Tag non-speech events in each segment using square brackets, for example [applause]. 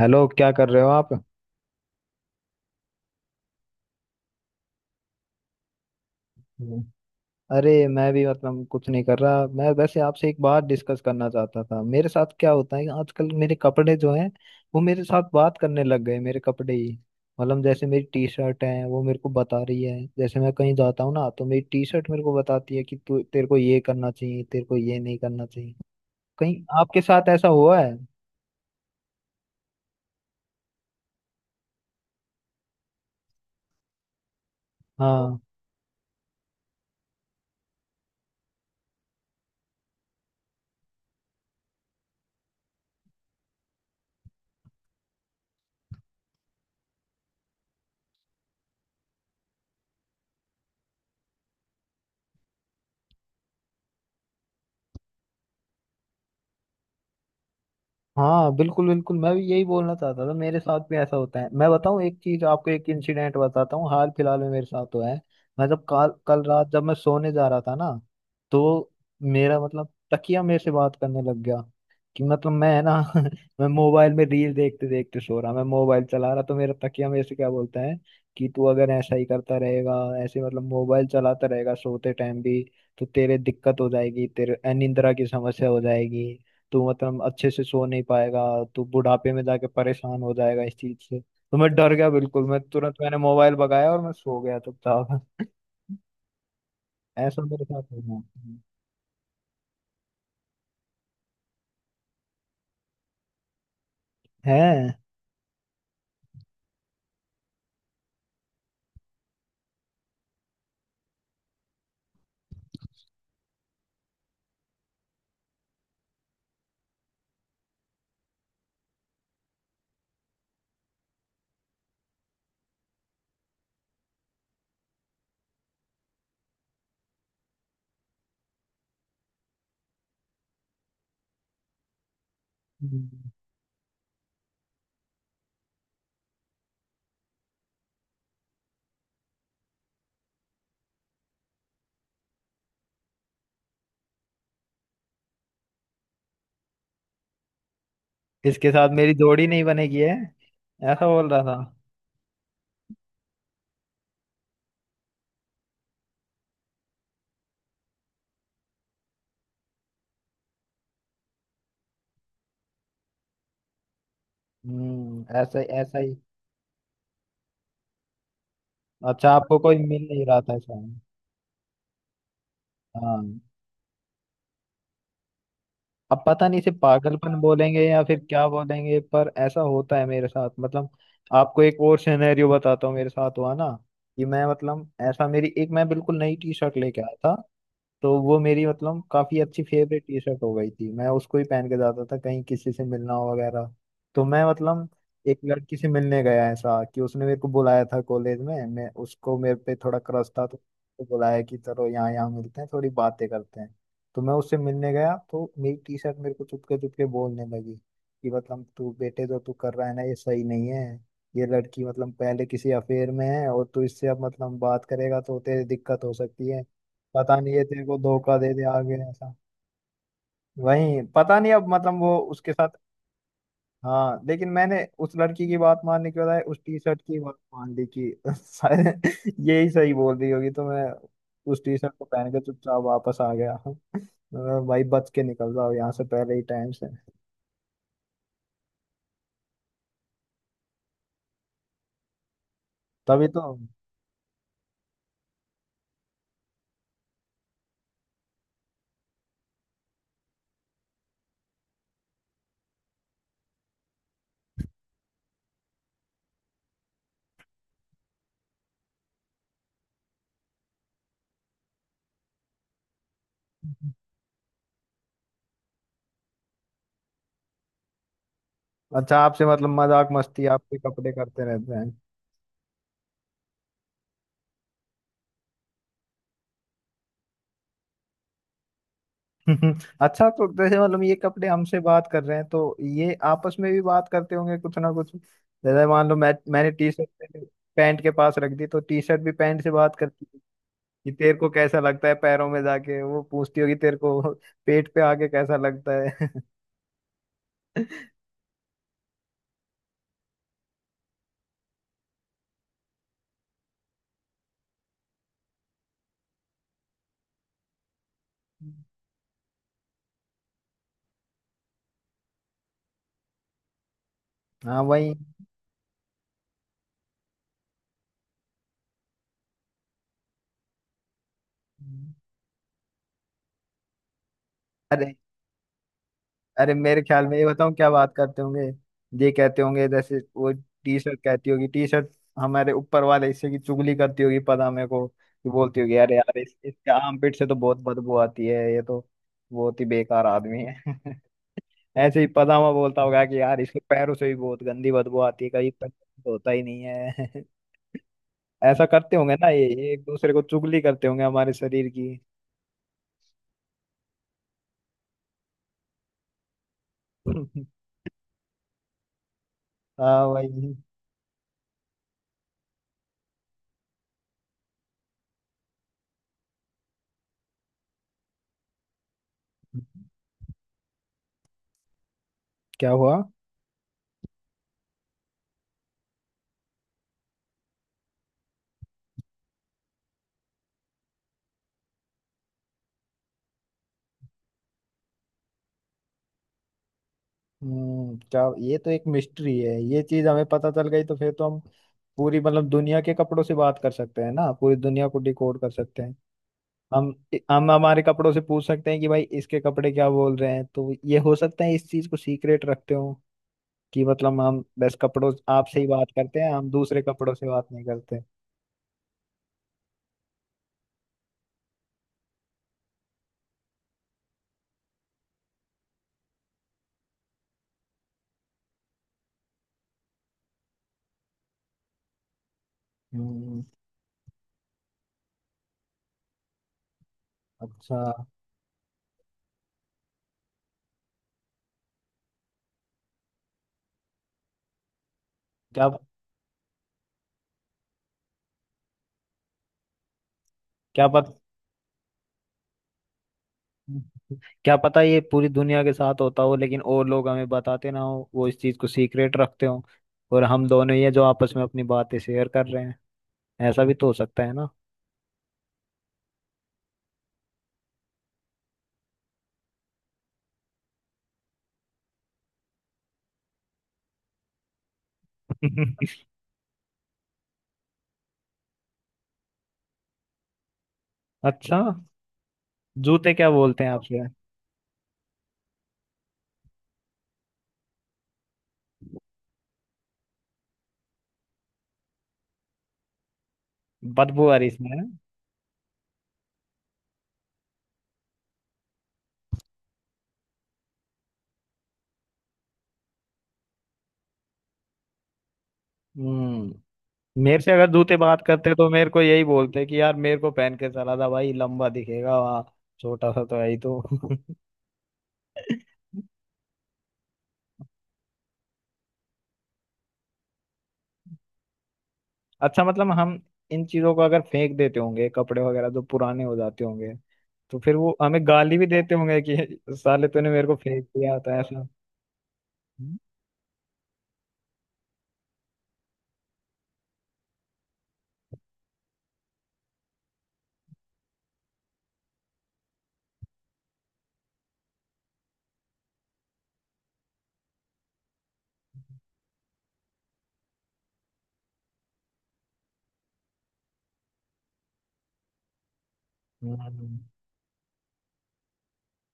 Hello, क्या कर रहे हो आप? हम्म। अरे, मैं भी कुछ नहीं कर रहा। मैं वैसे आपसे एक बात डिस्कस करना चाहता था। मेरे साथ क्या होता है कि आजकल मेरे कपड़े जो हैं वो मेरे साथ बात करने लग गए, मेरे कपड़े ही। मतलब जैसे मेरी टी शर्ट है वो मेरे को बता रही है। जैसे मैं कहीं जाता हूँ ना तो मेरी टी शर्ट मेरे को बताती है कि तू, तेरे को ये करना चाहिए, तेरे को ये नहीं करना चाहिए। कहीं आपके साथ ऐसा हुआ है? हाँ, हाँ बिल्कुल बिल्कुल, मैं भी यही बोलना चाहता था। मेरे साथ भी ऐसा होता है। मैं बताऊँ एक चीज आपको, एक इंसिडेंट बताता हूँ हाल फिलहाल में मेरे साथ हुआ है। मैं जब कल कल रात जब मैं सोने जा रहा था ना, तो मेरा मतलब तकिया मेरे से बात करने लग गया। कि मतलब, मैं है ना [laughs] मैं मोबाइल में रील देखते देखते सो रहा, मैं मोबाइल चला रहा, तो मेरा तकिया मेरे से क्या बोलता है कि तू अगर ऐसा ही करता रहेगा, ऐसे मतलब मोबाइल चलाता रहेगा सोते टाइम भी, तो तेरे दिक्कत हो जाएगी, तेरे अनिद्रा की समस्या हो जाएगी, तू मतलब अच्छे से सो नहीं पाएगा, तू बुढ़ापे में जाके परेशान हो जाएगा इस चीज से। तो मैं डर गया बिल्कुल, मैं तुरंत मैंने मोबाइल भगाया और मैं सो गया चुपचाप। ऐसा मेरे साथ होना है। हम्म। इसके साथ मेरी जोड़ी नहीं बनेगी, है? ऐसा बोल रहा था। हम्म, ऐसा ऐसा ही। अच्छा आपको कोई मिल नहीं रहा था ऐसा? हाँ। अब पता नहीं इसे पागलपन बोलेंगे या फिर क्या बोलेंगे, पर ऐसा होता है मेरे साथ मतलब। आपको एक और सिनेरियो बताता हूँ मेरे साथ हुआ ना, कि मैं मतलब ऐसा, मेरी एक, मैं बिल्कुल नई टी शर्ट लेके आया था। तो वो मेरी मतलब काफी अच्छी फेवरेट टी शर्ट हो गई थी, मैं उसको ही पहन के जाता था कहीं किसी से मिलना हो वगैरह। तो मैं मतलब एक लड़की से मिलने गया, ऐसा कि उसने मेरे को बुलाया था कॉलेज में, मैं उसको, मेरे पे थोड़ा क्रश था, तो उसको बुलाया कि चलो यहाँ यहाँ मिलते हैं, थोड़ी बातें करते हैं। तो मैं उससे मिलने गया तो मेरी टी शर्ट मेरे को चुपके चुपके बोलने लगी कि मतलब, तू बेटे जो तू कर रहा है ना ये सही नहीं है, ये लड़की मतलब पहले किसी अफेयर में है और तू इससे अब मतलब बात करेगा तो तेरी दिक्कत हो सकती है, पता नहीं ये तेरे को धोखा दे दे आगे, ऐसा। वही, पता नहीं अब मतलब वो उसके साथ। हाँ, लेकिन मैंने उस लड़की की बात मानने के बजाय उस टी शर्ट की बात मान ली कि [laughs] शायद यही सही बोल रही होगी। तो मैं उस टी शर्ट को पहन के चुपचाप वापस आ गया। मैं, भाई बच के निकल जाओ यहाँ से पहले ही टाइम से। तभी तो। अच्छा आपसे मतलब मजाक मस्ती आपके कपड़े करते रहते हैं? [laughs] अच्छा तो जैसे मतलब ये कपड़े हमसे बात कर रहे हैं तो ये आपस में भी बात करते होंगे कुछ ना कुछ। जैसे मान लो मैंने टी शर्ट पैंट के पास रख दी, तो टी शर्ट भी पैंट से बात करती है कि तेरे को कैसा लगता है पैरों में जाके, वो पूछती होगी तेरे को [laughs] पेट पे आके कैसा लगता है। [laughs] हाँ वही। अरे अरे मेरे ख्याल में ये बताऊं क्या बात करते होंगे। ये कहते होंगे जैसे वो टी शर्ट कहती होगी, टी शर्ट हमारे ऊपर वाले हिस्से की चुगली करती होगी, पता मेरे को, कि बोलती होगी अरे यार इसके आर्मपिट से तो बहुत बदबू आती है, ये तो बहुत ही बेकार आदमी है [laughs] ऐसे ही पदामा बोलता होगा कि यार इसके पैरों से भी बहुत गंदी बदबू आती है, कहीं तक होता ही नहीं है। [laughs] ऐसा करते होंगे ना ये एक दूसरे को चुगली करते होंगे हमारे शरीर की। [laughs] हाँ भाई। क्या हुआ? हम्म, क्या, ये तो एक मिस्ट्री है। ये चीज हमें पता चल गई तो फिर तो हम पूरी मतलब दुनिया के कपड़ों से बात कर सकते हैं ना, पूरी दुनिया को डिकोड कर सकते हैं। हम हम हमारे कपड़ों से पूछ सकते हैं कि भाई इसके कपड़े क्या बोल रहे हैं। तो ये हो सकता है इस चीज को सीक्रेट रखते हो कि मतलब हम बस कपड़ों आपसे ही बात करते हैं, हम दूसरे कपड़ों से बात नहीं करते। हम्म। अच्छा। क्या क्या पता क्या पता ये पूरी दुनिया के साथ होता हो लेकिन और लोग हमें बताते ना हो, वो इस चीज को सीक्रेट रखते हो, और हम दोनों ही है जो आपस में अपनी बातें शेयर कर रहे हैं। ऐसा भी तो हो सकता है ना। [laughs] अच्छा जूते क्या बोलते हैं आपसे? बदबू आ रही इसमें है? हम्म। मेरे से अगर जूते बात करते तो मेरे को यही बोलते कि यार मेरे को पहन के चला था भाई, लंबा दिखेगा वहाँ, छोटा सा तो है ही तो। [laughs] अच्छा मतलब हम इन चीजों को अगर फेंक देते होंगे, कपड़े वगैरह जो पुराने हो जाते होंगे, तो फिर वो हमें गाली भी देते होंगे कि साले तूने मेरे को फेंक दिया होता, ऐसा। हम्म। हम्म।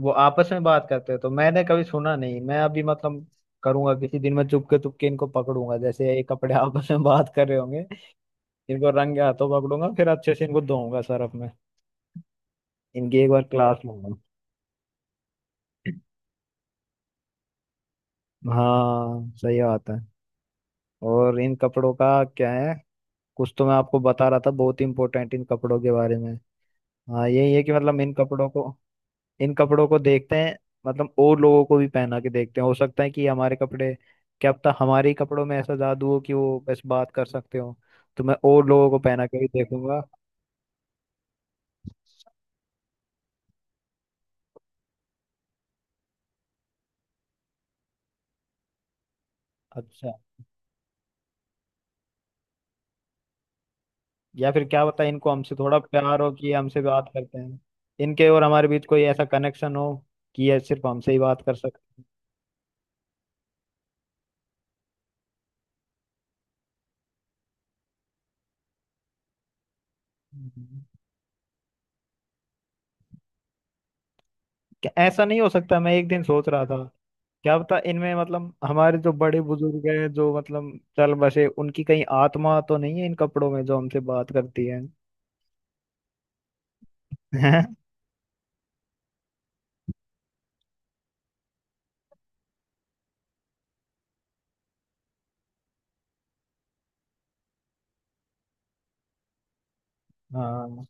वो आपस में बात करते हैं तो मैंने कभी सुना नहीं। मैं अभी मतलब करूंगा किसी दिन, मैं चुपके चुपके इनको पकड़ूंगा जैसे ये कपड़े [laughs] आपस में बात कर रहे होंगे। इनको रंगे हाथों पकड़ूंगा, फिर अच्छे से इनको धोऊंगा सर्फ में, इनकी एक बार क्लास लूंगा। हाँ सही बात है। और इन कपड़ों का क्या है, कुछ तो मैं आपको बता रहा था बहुत इंपॉर्टेंट इन कपड़ों के बारे में। हाँ यही है कि मतलब इन कपड़ों को, इन कपड़ों को देखते हैं मतलब और लोगों को भी पहना के देखते हैं। हो सकता है कि हमारे कपड़े, क्या पता हमारे ही कपड़ों में ऐसा जादू हो कि वो बस बात कर सकते हो। तो मैं और लोगों को पहना के भी देखूंगा। अच्छा। या फिर क्या पता इनको हमसे थोड़ा प्यार हो कि ये हमसे बात करते हैं। इनके और हमारे बीच कोई ऐसा कनेक्शन हो कि ये सिर्फ हमसे ही बात कर सकते हैं। क्या ऐसा नहीं हो सकता? मैं एक दिन सोच रहा था, क्या पता इनमें मतलब हमारे जो बड़े बुजुर्ग हैं जो मतलब चल बसे, उनकी कहीं आत्मा तो नहीं है इन कपड़ों में, जो हमसे बात करती है। हैं? [laughs] हाँ।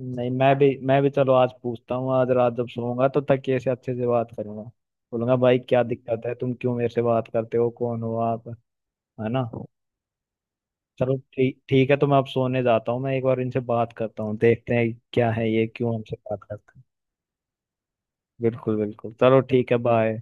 नहीं, मैं भी चलो आज पूछता हूँ, आज रात जब सोऊंगा तो तकिए से अच्छे से बात करूंगा। बोलूंगा भाई क्या दिक्कत है, तुम क्यों मेरे से बात करते हो, कौन हो आप? है ना? चलो ठीक ठीक है, तो मैं अब सोने जाता हूँ, मैं एक बार इनसे बात करता हूँ, देखते हैं क्या है, ये क्यों हमसे बात करते हैं। बिल्कुल बिल्कुल, चलो ठीक है, बाय।